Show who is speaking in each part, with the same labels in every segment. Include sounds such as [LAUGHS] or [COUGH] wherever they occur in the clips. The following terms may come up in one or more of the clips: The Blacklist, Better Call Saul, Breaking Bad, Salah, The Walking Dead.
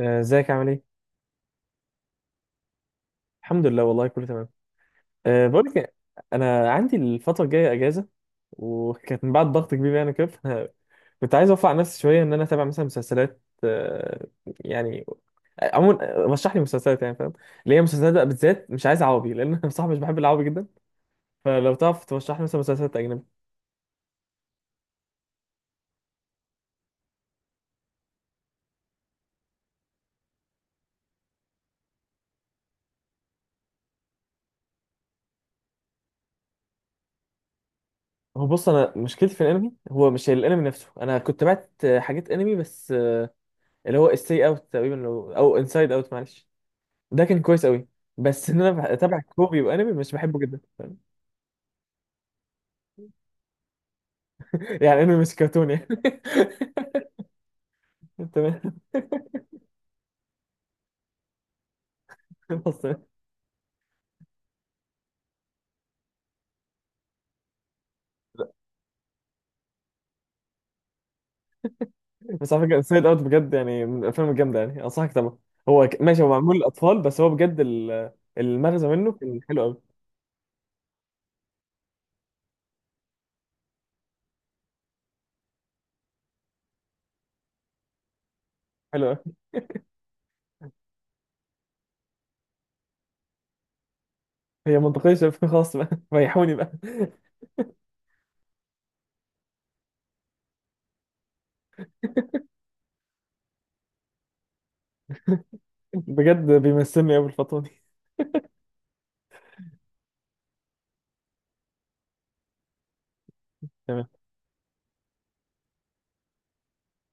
Speaker 1: آه، ازيك عامل ايه؟ الحمد لله والله كله تمام. أه بقول لك، انا عندي الفترة الجاية اجازة، وكانت من بعد ضغط كبير يعني كده. فأنا كنت عايز اوفق على نفسي شوية ان انا اتابع مثلا مسلسلات يعني. عموما رشح لي مسلسلات، يعني فاهم، اللي هي مسلسلات بقى، بالذات مش عايز عربي لان انا [LAUGHS] بصراحة مش بحب العربي جدا. فلو تعرف ترشح لي مثلا مسلسلات اجنبي. هو بص، انا مشكلتي في الانمي هو مش الانمي نفسه. انا كنت بعت حاجات انمي بس، اللي هو ستي اوت تقريبا، او انسايد اوت، معلش. ده كان كويس قوي. بس ان انا اتابع كوري، وانمي مش بحبه جدا [LAUGHS] يعني انمي مش كرتون يعني. [LAUGHS] تمام. بس بس على فكره سايد اوت بجد يعني من الافلام الجامده، يعني انصحك طبعا. هو ماشي، هو معمول للاطفال، بس هو بجد المغزى منه كان حلو قوي. حلو قوي. هي منطقيه، خلاص بقى [LAUGHS] ريحوني بقى. بجد بيمثلني قوي الفتره دي. تمام.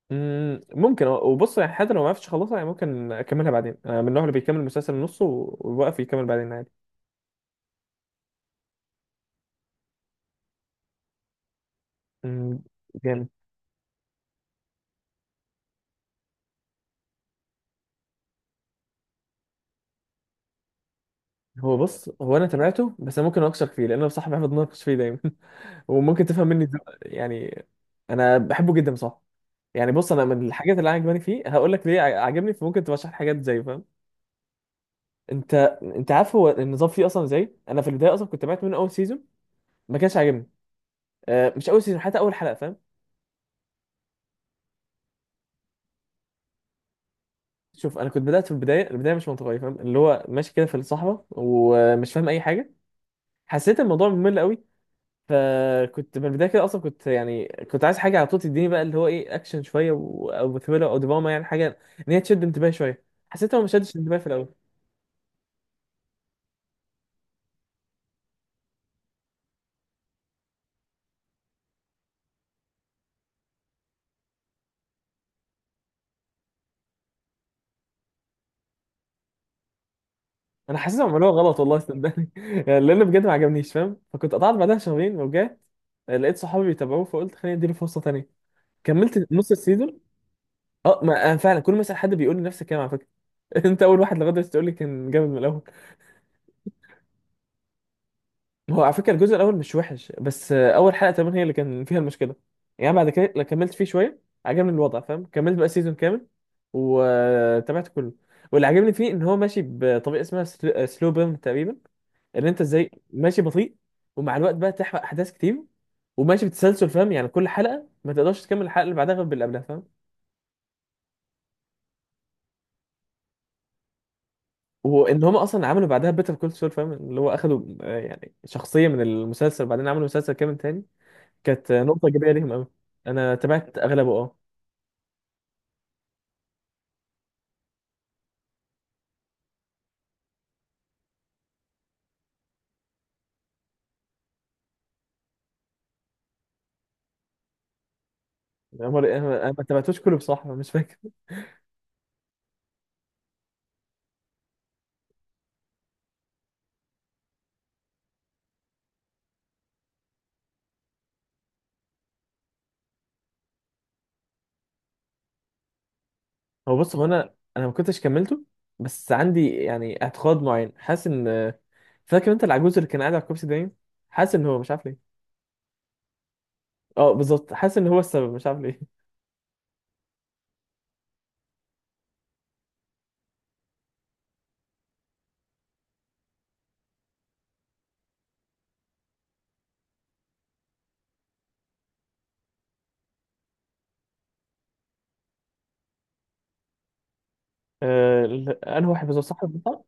Speaker 1: مم، ممكن، وبص يعني حتى لو ما عرفتش اخلصها، يعني ممكن اكملها بعدين. انا من النوع اللي بيكمل المسلسل نصه ويوقف يكمل بعدين عادي. مم، جامد. هو بص، هو انا تابعته، بس انا ممكن اناقشك فيه لان انا بصراحه بحب اتناقش فيه دايما. [LAUGHS] وممكن تفهم مني يعني، انا بحبه جدا بصراحه. يعني بص، انا من الحاجات اللي عجباني فيه هقول لك ليه عجبني، فممكن تبقى شرح حاجات زي فاهم. انت انت عارف هو النظام فيه اصلا ازاي. انا في البدايه اصلا كنت تابعت منه اول سيزون. ما كانش عاجبني. آه، مش اول سيزون، حتى اول حلقه فاهم. شوف، انا كنت بدات في البدايه، البدايه مش منطقيه فاهم، اللي هو ماشي كده في الصحراء ومش فاهم اي حاجه. حسيت الموضوع ممل قوي. فكنت من البدايه كده اصلا، كنت يعني كنت عايز حاجه على طول تديني بقى اللي هو ايه، اكشن شويه او ثريلر او دراما، يعني حاجه ان هي تشد انتباهي شويه. حسيتها ما شدتش انتباهي في الاول. انا حسيتها عملوها غلط والله صدقني [LAUGHS] يعني، لان بجد ما عجبنيش فاهم. فكنت قطعت بعدها شهرين ورجعت، لقيت صحابي بيتابعوه، فقلت خليني اديله فرصه تانيه. كملت نص السيزون. اه، ما أنا فعلا كل ما اسال حد بيقول لي نفس الكلام على فكره. [LAUGHS] انت اول واحد لغايه دلوقتي تقول لي كان جامد من الاول. هو على فكرة الجزء الأول مش وحش، بس أول حلقة تمام هي اللي كان فيها المشكلة. يعني بعد كده لما كملت فيه شوية عجبني الوضع فاهم. كملت بقى سيزون كامل وتابعت كله. واللي عجبني فيه إن هو ماشي بطريقة اسمها سلو بيرن تقريبا، إن أنت إزاي ماشي بطيء ومع الوقت بقى تحرق أحداث كتير، وماشي بتسلسل فاهم. يعني كل حلقة ما تقدرش تكمل الحلقة اللي بعدها غير باللي قبلها فاهم. وإن هم أصلا عملوا بعدها بيتر كول سول فاهم، اللي هو أخدوا يعني شخصية من المسلسل وبعدين عملوا مسلسل كامل تاني. كانت نقطة إيجابية ليهم أوي. أنا تابعت أغلبه، أه. أنا ما تابعتوش كله بصراحة، مش فاكر. [LAUGHS] هو بص، هو أنا ما كنتش كملته، بس عندي يعني اعتقاد معين، حاسس إن، فاكر أنت العجوز اللي كان قاعد على الكرسي دايم، حاسس إن هو مش عارف ليه. أه بالظبط، حاسس إن هو السبب، مش عارف ليه. [LAUGHS] أنا واحد بالظبط، صح بالظبط.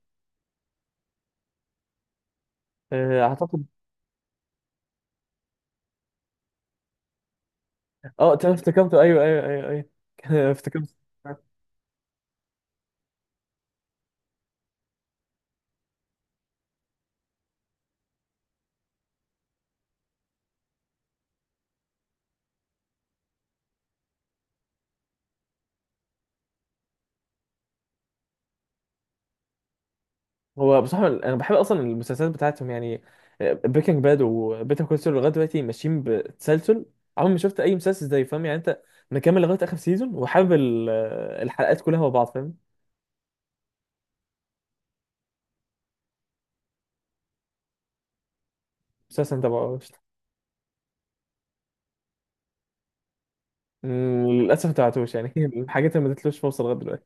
Speaker 1: أعتقد. أه تمام افتكرته، أيوه أيوه أيوه، أيوه [LAUGHS] افتكرته. هو بصراحة أنا بحب أصلا المسلسلات بتاعتهم يعني. بريكنج باد وبيتر كول سول لغاية دلوقتي ماشيين بتسلسل، عمري ما شفت أي مسلسل زي فاهم يعني. أنت مكمل لغاية آخر سيزون وحابب الحلقات كلها مع بعض فاهم. مسلسل أنت متابعهوش؟ مم، للأسف ما تابعتوش يعني، [LAUGHS] الحاجات اللي ما اديتلوش فرصة لغاية دلوقتي.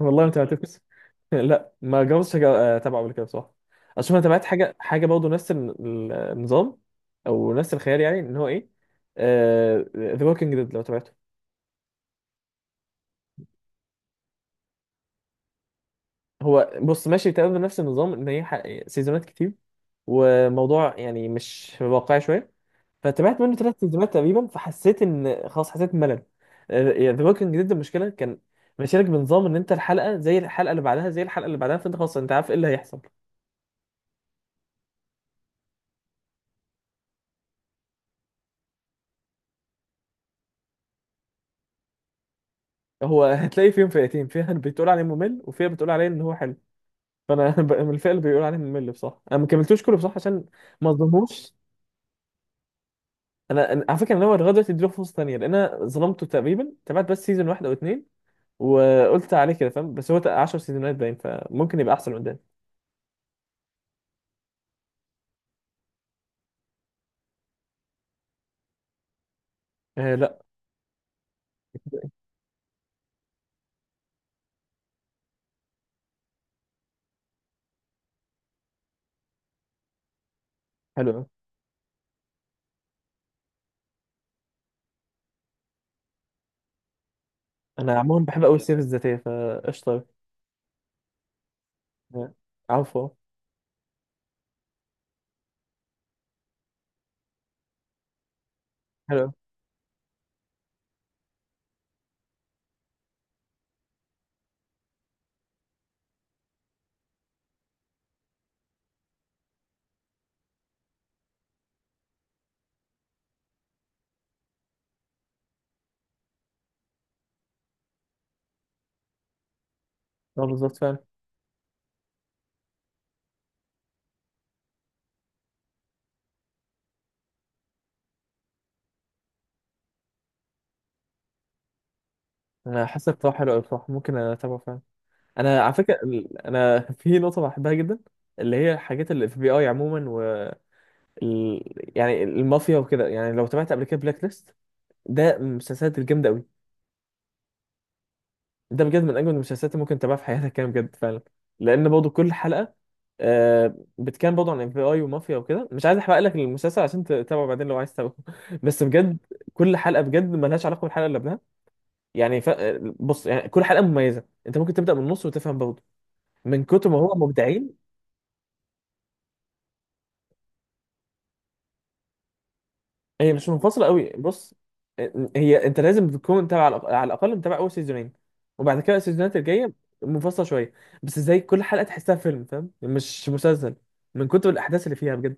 Speaker 1: والله ما تابعتوش. [LAUGHS] لا، ما جربتش أتابعه قبل كده بصراحة. أصل أنا تابعت حاجة حاجة برضه نفس النظام، أو نفس الخيال، يعني إن هو إيه، ذا ووكينج ديد لو تابعته. هو بص، ماشي تمام بنفس النظام، ان هي سيزونات كتير، وموضوع يعني مش واقعي شويه. فتابعت منه 3 سيزونات تقريبا، فحسيت ان خلاص، حسيت بملل. ذا ووكينج ديد المشكله كان ماشيلك بنظام ان انت الحلقه زي الحلقه اللي بعدها زي الحلقه اللي بعدها، فانت خلاص انت عارف ايه اللي هيحصل. هو هتلاقي فيهم فئتين، فيها اللي بتقول عليه ممل، وفيها بتقول عليه ان هو حلو. فانا [LAUGHS] من الفئه اللي بيقول عليه ممل بصراحه. انا ما كملتوش كله بصراحه عشان ما اظلمهوش. على فكره انا ناوي لغايه دلوقتي اديله فرصه ثانيه، لان انا ظلمته تقريبا، تابعت بس سيزون واحد او اتنين وقلت عليه كده فاهم. بس هو 10 سيزونات باين، فممكن يبقى احسن قدام. آه لا، حلو قوي. انا عموما بحب قوي السير الذاتيه فقشطه. آه، عفوا. حلو قوي. اه بالظبط فعلا. انا حاسس بتاعه حلو قوي بصراحه، ممكن اتابعه فعلا. انا على فكره، انا [LAUGHS] في نقطه بحبها جدا، اللي هي الحاجات اللي في بي اي عموما، و ال... يعني المافيا وكده. يعني لو تابعت قبل كده بلاك ليست، ده من المسلسلات الجامده قوي. ده بجد من اجمل المسلسلات اللي ممكن تتابعها في حياتك كده بجد فعلا، لان برضه كل حلقه بتكلم برضه عن FBI ومافيا وكده. مش عايز احرق لك المسلسل عشان تتابعه بعدين لو عايز تتابعه. [LAUGHS] بس بجد كل حلقه بجد ملهاش علاقه بالحلقه اللي قبلها، يعني بص يعني كل حلقه مميزه، انت ممكن تبدا من النص وتفهم برضه من كتر ما هو مبدعين. هي مش منفصلة قوي، بص. هي انت لازم تكون تابع على الاقل متابع اول سيزونين، وبعد كده السيزونات الجاية منفصلة شوية، بس زي كل حلقة تحسها فيلم فاهم مش مسلسل، من كتر الاحداث اللي فيها بجد.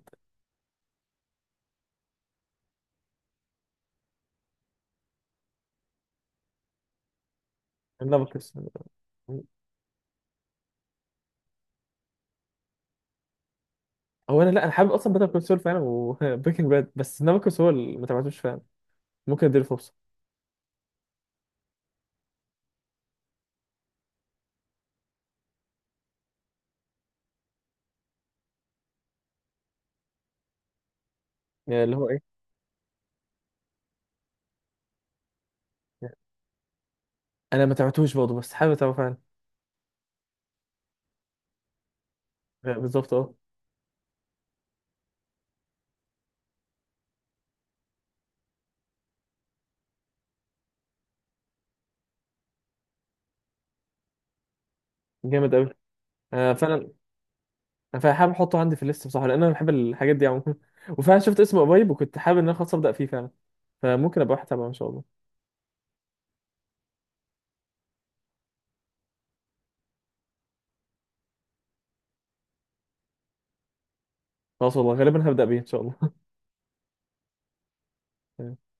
Speaker 1: نابوكس. هو انا لا، انا حابب اصلا بيتر كول سول فعلا وبريكنج باد. [LAUGHS] بس نابوكس هو اللي ما تابعتوش فعلا، ممكن اديله فرصة. يعني اللي هو ايه، انا ما تابعتوش برضه بس حابب اتابعه فعلا. بالظبط اه، جامد قوي، آه فعلا. فحابب احطه عندي في الليست بصراحه، لان انا بحب الحاجات دي عموما. [LAUGHS] وفعلا شفت اسمه قريب وكنت حابب ان انا خلاص ابدا فيه فعلا. فممكن ابقى واحد تابعه ان شاء الله. خلاص والله غالبا هبدا بيه ان شاء الله. [LAUGHS]